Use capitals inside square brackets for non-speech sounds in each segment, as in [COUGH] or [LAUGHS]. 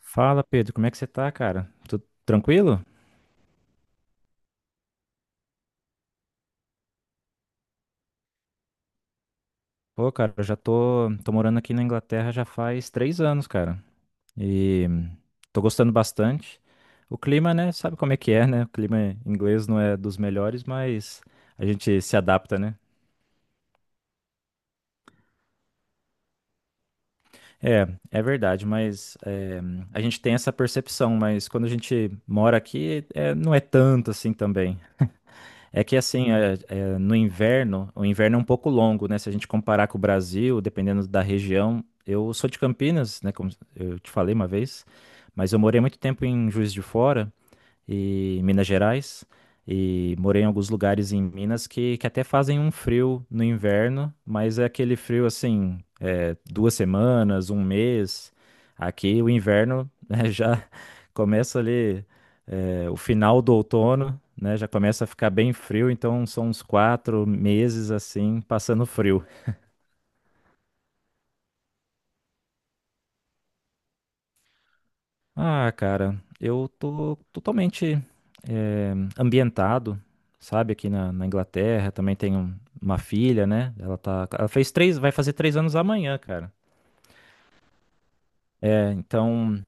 Fala, Pedro, como é que você tá, cara? Tudo tranquilo? Pô, cara, eu já tô, tô morando aqui na Inglaterra já faz três anos, cara. E tô gostando bastante. O clima, né? Sabe como é que é, né? O clima inglês não é dos melhores, mas a gente se adapta, né? É, é verdade, mas é, a gente tem essa percepção, mas quando a gente mora aqui, é, não é tanto assim também. É que assim, é, no inverno, o inverno é um pouco longo, né? Se a gente comparar com o Brasil, dependendo da região, eu sou de Campinas, né? Como eu te falei uma vez, mas eu morei muito tempo em Juiz de Fora e em Minas Gerais e morei em alguns lugares em Minas que até fazem um frio no inverno, mas é aquele frio assim, é, duas semanas, um mês. Aqui o inverno né, [LAUGHS] já começa ali, o final do outono, né? Já começa a ficar bem frio, então são uns quatro meses assim, passando frio. Ah, cara, eu tô totalmente ambientado, sabe? Aqui na Inglaterra, também tenho uma filha, né? Ela tá, ela fez três, vai fazer três anos amanhã, cara. É, então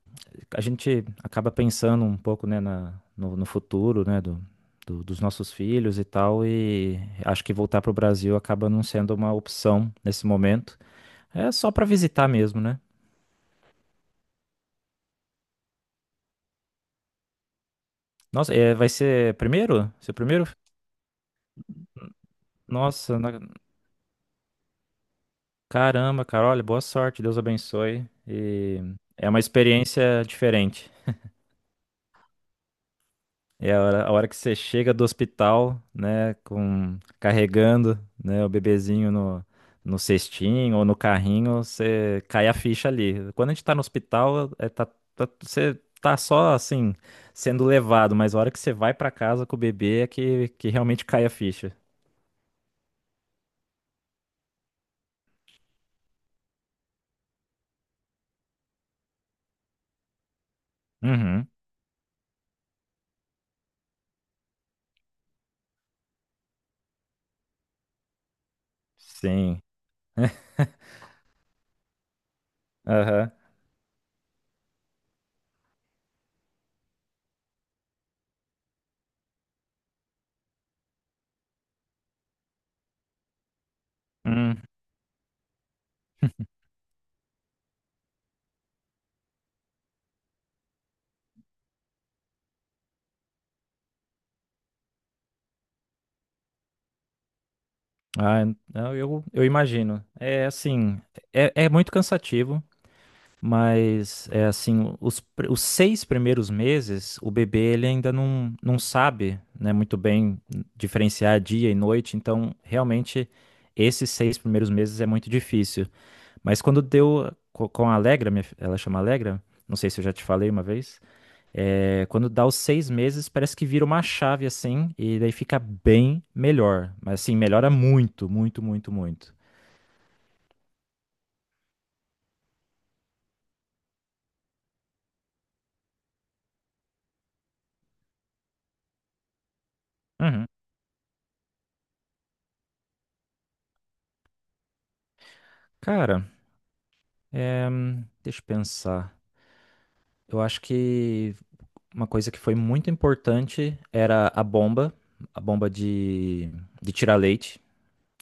a gente acaba pensando um pouco, né, na, no, no futuro, né, dos nossos filhos e tal, e acho que voltar para o Brasil acaba não sendo uma opção nesse momento. É só para visitar mesmo, né? Nossa, é, vai ser primeiro? Seu primeiro? Nossa, caramba, cara, olha, boa sorte, Deus abençoe. E é uma experiência diferente. É a hora que você chega do hospital, né, com, carregando, né, o bebezinho no, no cestinho ou no carrinho, você cai a ficha ali. Quando a gente tá no hospital, é, tá, você tá só, assim, sendo levado, mas a hora que você vai pra casa com o bebê é que realmente cai a ficha. Uhum, sim. [LAUGHS] Aham. Hum. Ah, eu imagino. É assim, é muito cansativo. Mas é assim, os seis primeiros meses, o bebê ele ainda não sabe, né, muito bem diferenciar dia e noite, então realmente esses seis primeiros meses é muito difícil. Mas quando com a Alegra, ela chama Alegra, não sei se eu já te falei uma vez, é, quando dá os seis meses parece que vira uma chave assim, e daí fica bem melhor. Mas assim, melhora muito, muito, muito, muito. Uhum. Cara, é, deixa eu pensar. Eu acho que uma coisa que foi muito importante era a bomba de tirar leite.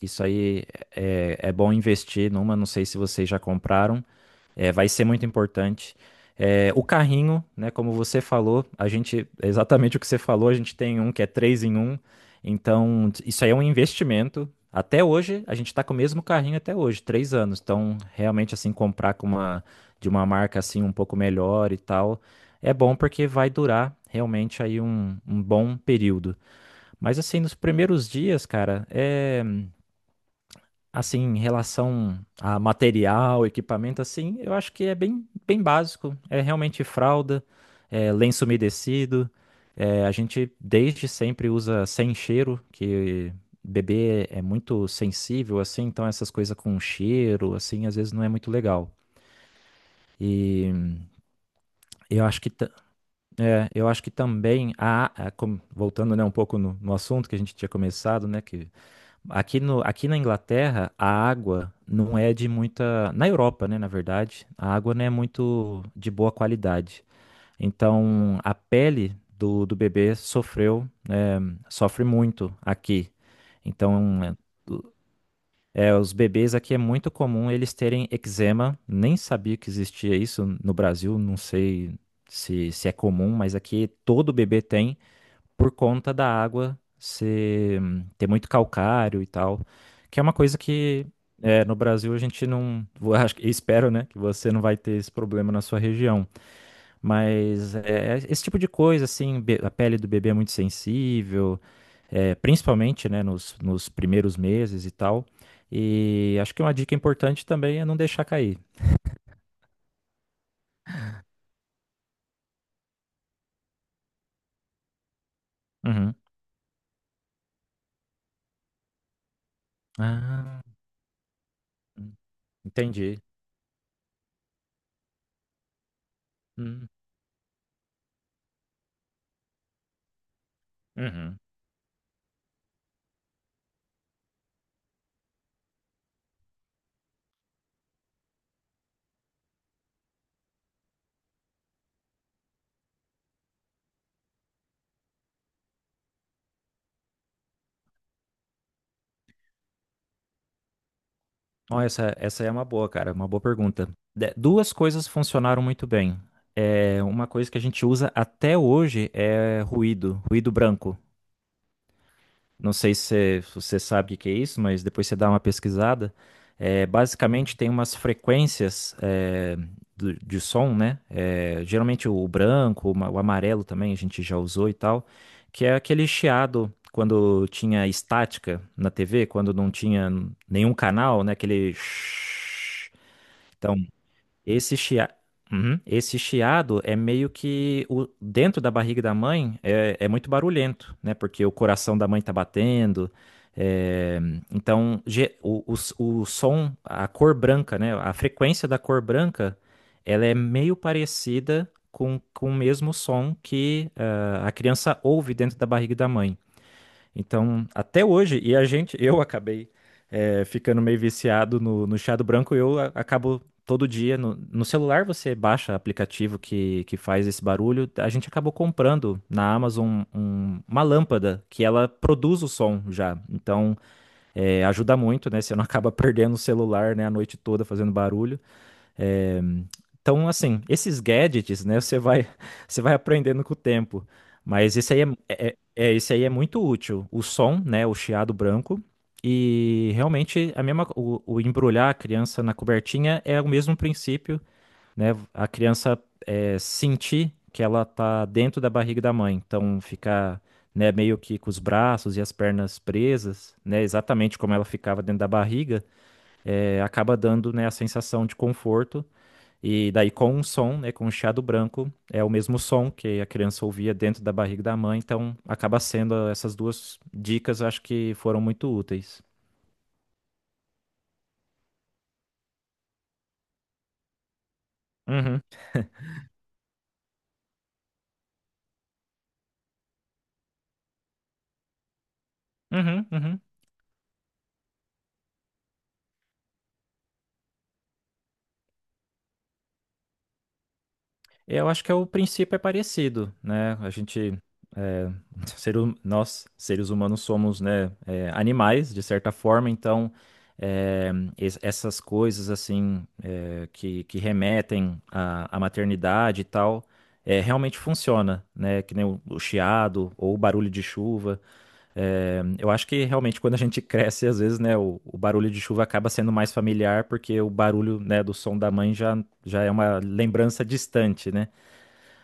Isso aí é bom investir numa, não sei se vocês já compraram. É, vai ser muito importante. É, o carrinho, né, como você falou, a gente, é exatamente o que você falou, a gente tem um que é três em um. Então, isso aí é um investimento. Até hoje, a gente está com o mesmo carrinho até hoje, três anos. Então, realmente, assim, comprar com de uma marca, assim, um pouco melhor e tal, é bom porque vai durar realmente aí um bom período. Mas, assim, nos primeiros dias, cara, é assim, em relação a material, equipamento, assim, eu acho que é bem, bem básico. É realmente fralda, é lenço umedecido. É, a gente desde sempre usa sem cheiro, que bebê é muito sensível, assim, então essas coisas com cheiro, assim, às vezes não é muito legal. E eu acho que, é, eu acho que também, voltando, né, um pouco no assunto que a gente tinha começado, né, que aqui no, aqui na Inglaterra, a água não é de muita. Na Europa, né, na verdade, a água não é muito de boa qualidade. Então, a pele do bebê sofreu, sofre muito aqui. Então, o- é, os bebês aqui é muito comum eles terem eczema. Nem sabia que existia isso no Brasil, não sei se é comum, mas aqui todo bebê tem por conta da água ser, ter muito calcário e tal, que é uma coisa que é, no Brasil a gente não, [LAUGHS] acho espero, né, que você não vai ter esse problema na sua região, mas é, esse tipo de coisa, assim, a pele do bebê é muito sensível, é, principalmente, né, nos primeiros meses e tal, e acho que uma dica importante também é não deixar cair. Uhum. Ah, entendi. Hum, uhum. Ó, essa é uma boa, cara, uma boa pergunta. Duas coisas funcionaram muito bem. É, uma coisa que a gente usa até hoje é ruído, ruído branco. Não sei se você sabe o que que é isso, mas depois você dá uma pesquisada. É, basicamente tem umas frequências de som, né? É, geralmente o branco, o amarelo também a gente já usou e tal, que é aquele chiado quando tinha estática na TV, quando não tinha nenhum canal, né? Aquele [TSK] então, esse chia... Uhum. Esse chiado é meio que o... dentro da barriga da mãe é... é muito barulhento, né? Porque o coração da mãe tá batendo. é, Então, o som, a cor branca, né? A frequência da cor branca, ela é meio parecida com o mesmo som que a criança ouve dentro da barriga da mãe. Então, até hoje, e a gente, eu [LAUGHS] acabei ficando meio viciado no chá do branco, eu acabo todo dia, no celular você baixa aplicativo que faz esse barulho, a gente acabou comprando na Amazon uma lâmpada que ela produz o som já, então ajuda muito, né, você não acaba [LAUGHS] perdendo o celular, né, a noite toda fazendo barulho, é, então, assim, esses gadgets, né, você vai, [LAUGHS] você vai aprendendo com o tempo. Mas esse aí é, esse aí é muito útil. O som, né, o chiado branco. E realmente a mesma, o embrulhar a criança na cobertinha é o mesmo princípio, né? A criança é, sentir que ela tá dentro da barriga da mãe. Então, ficar, né, meio que com os braços e as pernas presas, né, exatamente como ela ficava dentro da barriga, é, acaba dando, né, a sensação de conforto e daí com um som, né, com um chiado branco, é o mesmo som que a criança ouvia dentro da barriga da mãe, então acaba sendo essas duas dicas, eu acho que foram muito úteis. Uhum, uhum, uhum. É, eu acho que é o princípio é parecido, né? A gente, é, [LAUGHS] ser nós, seres humanos, somos, né, é, animais, de certa forma, então, é, essas coisas, assim, é, que remetem à, à maternidade e tal, é, realmente funciona, né? Que nem o chiado ou o barulho de chuva. É, eu acho que realmente quando a gente [LAUGHS] cresce, às vezes, né, o barulho de chuva acaba sendo mais familiar, porque o barulho, né, do som da mãe já, já é uma lembrança distante, né?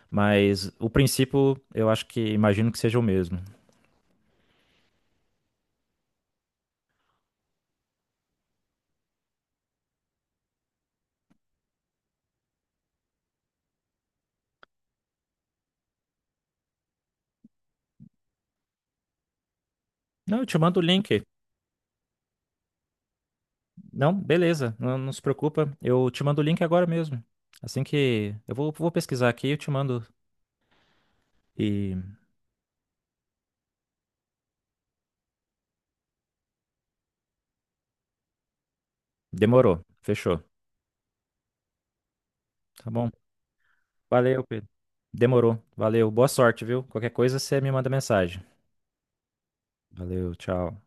Mas o princípio, eu acho que imagino que seja o mesmo. Não, eu te mando o link. Não, beleza, não, não se preocupa. Eu te mando o link agora mesmo. Assim que eu vou, vou pesquisar aqui, eu te mando. E demorou, fechou. Tá bom. Valeu, Pedro. Demorou. Valeu. Boa sorte, viu? Qualquer coisa você me manda mensagem. Valeu, tchau.